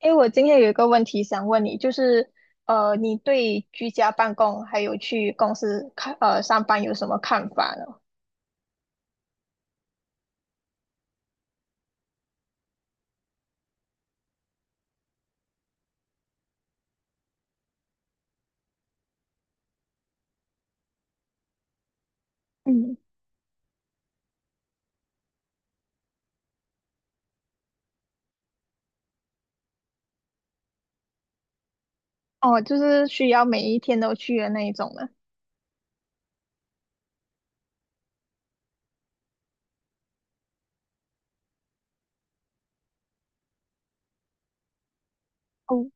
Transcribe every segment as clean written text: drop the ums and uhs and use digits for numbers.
哎，我今天有一个问题想问你，你对居家办公还有去公司上班有什么看法呢？嗯。哦，就是需要每一天都去的那一种呢。哦。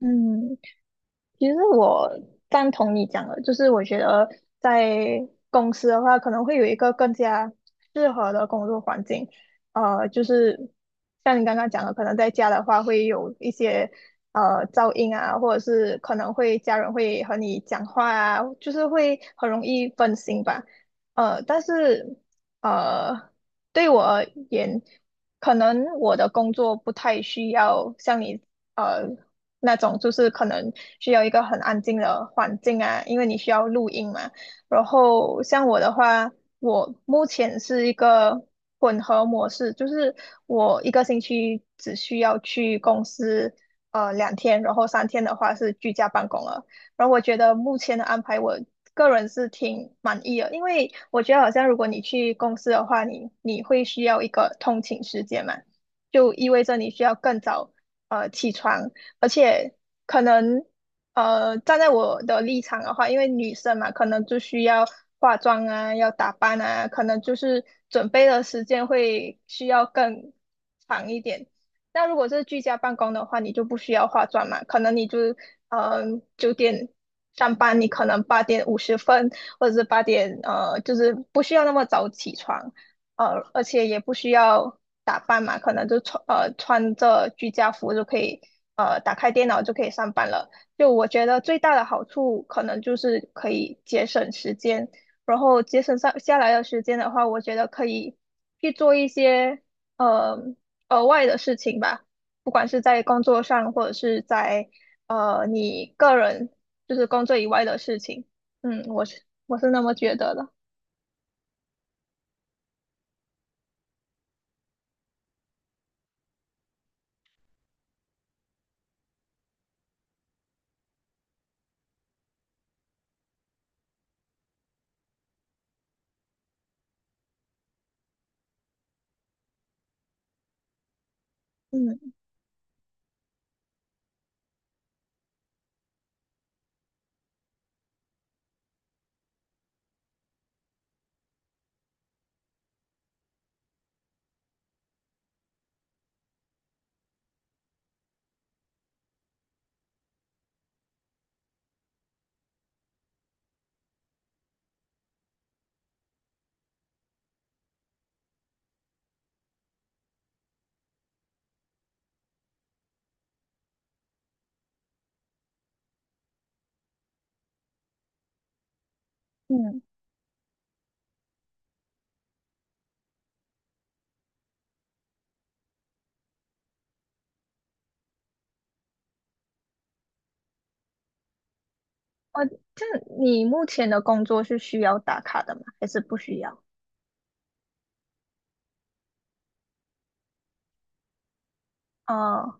嗯，其实我赞同你讲的，就是我觉得在公司的话，可能会有一个更加适合的工作环境。呃，就是像你刚刚讲的，可能在家的话会有一些噪音啊，或者是可能会家人会和你讲话啊，就是会很容易分心吧。但是呃，对我而言，可能我的工作不太需要像你。呃那种就是可能需要一个很安静的环境啊，因为你需要录音嘛。然后像我的话，我目前是一个混合模式，就是我一个星期只需要去公司两天，然后三天的话是居家办公了。然后我觉得目前的安排我个人是挺满意的，因为我觉得好像如果你去公司的话，你会需要一个通勤时间嘛，就意味着你需要更早起床，而且可能站在我的立场的话，因为女生嘛，可能就需要化妆啊，要打扮啊，可能就是准备的时间会需要更长一点。那如果是居家办公的话，你就不需要化妆嘛，可能你就呃九点上班，你可能八点五十分，或者是八点，就是不需要那么早起床。呃，而且也不需要打扮嘛，可能就穿着居家服就可以打开电脑就可以上班了。就我觉得最大的好处可能就是可以节省时间，然后节省上下来的时间的话，我觉得可以去做一些呃额外的事情吧，不管是在工作上或者是在你个人就是工作以外的事情。嗯，我是那么觉得的。嗯嗯。呃，就你目前的工作是需要打卡的吗？还是不需要？啊？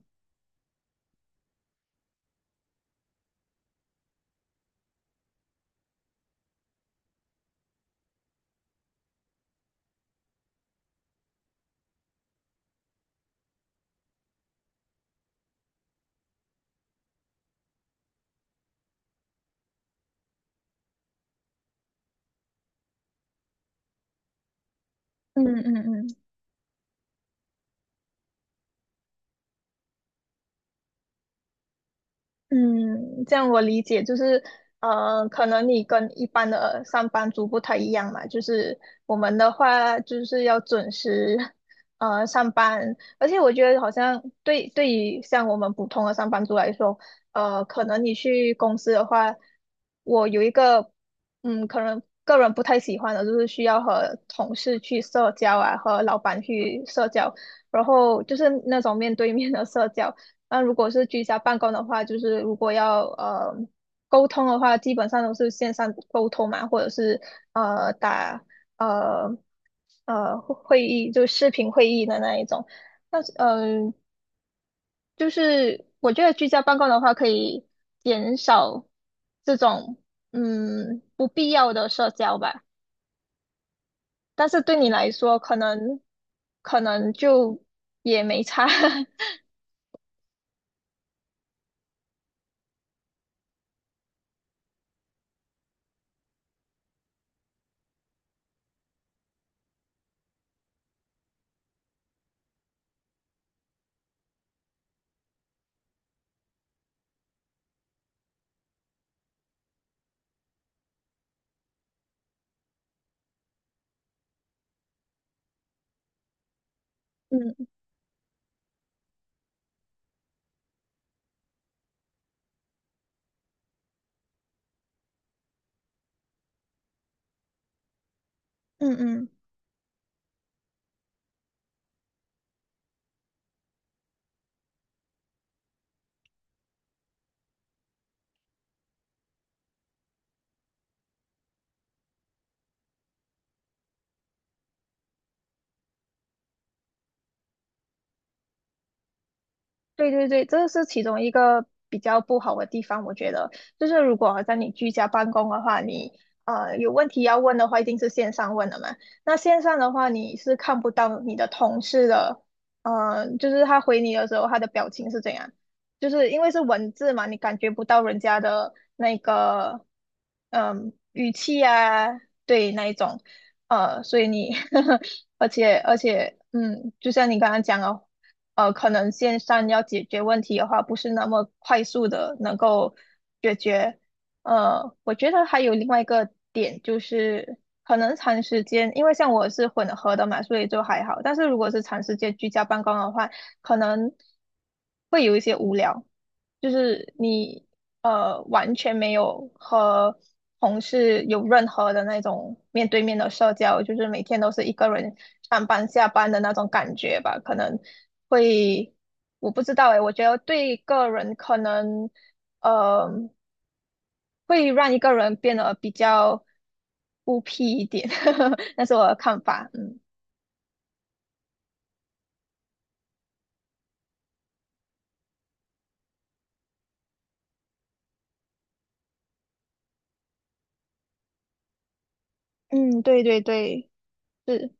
嗯嗯嗯。嗯，这样我理解，就是呃，可能你跟一般的上班族不太一样嘛，就是我们的话就是要准时呃上班，而且我觉得好像对，对于像我们普通的上班族来说，呃，可能你去公司的话，我有一个，嗯，可能个人不太喜欢的就是需要和同事去社交啊，和老板去社交，然后就是那种面对面的社交。那如果是居家办公的话，就是如果要沟通的话，基本上都是线上沟通嘛，或者是打呃会议，就视频会议的那一种。那嗯、呃，就是我觉得居家办公的话，可以减少这种不必要的社交吧。但是对你来说，可能就也没差。嗯嗯嗯。对对对，这是其中一个比较不好的地方，我觉得就是如果在你居家办公的话，你有问题要问的话，一定是线上问的嘛。那线上的话，你是看不到你的同事的，呃，就是他回你的时候，他的表情是怎样，就是因为是文字嘛，你感觉不到人家的那个语气啊，对那一种，呃，所以你 而且就像你刚刚讲的。呃，可能线上要解决问题的话，不是那么快速的能够解决。呃，我觉得还有另外一个点就是，可能长时间，因为像我是混合的嘛，所以就还好。但是如果是长时间居家办公的话，可能，就是你完全没有和同事有任何的那种面对面的社交，就是每天都是一个人上班下班的那种感觉吧，可能会，我不知道诶，我觉得对个人可能呃会让一个人变得比较孤僻一点，那是我的看法。嗯。嗯，对对对。是。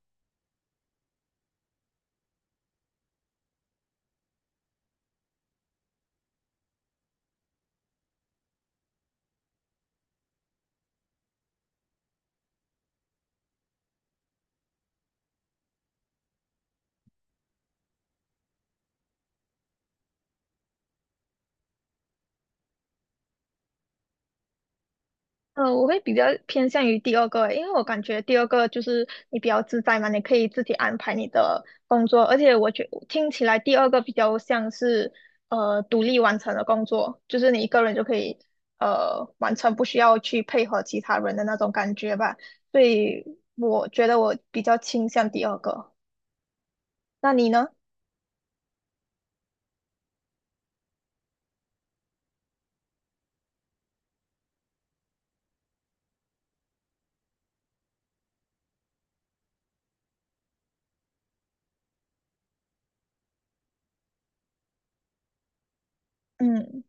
呃，我会比较偏向于第二个欸，因为我感觉第二个就是你比较自在嘛，你可以自己安排你的工作，而且我觉听起来第二个比较像是独立完成的工作，就是你一个人就可以完成，不需要去配合其他人的那种感觉吧。所以我觉得我比较倾向第二个，那你呢？嗯，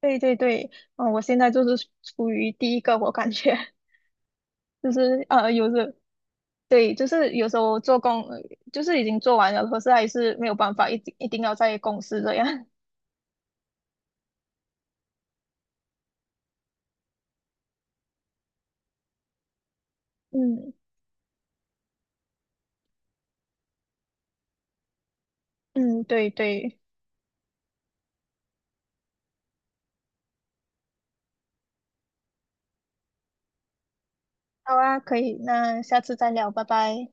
对对对。嗯、我现在就是处于第一个，我感觉 就是有时，对，就是有时候做工，就是已经做完了，可是还是没有办法，一定要在公司这样。嗯嗯，对对。好啊，可以，那下次再聊，拜拜。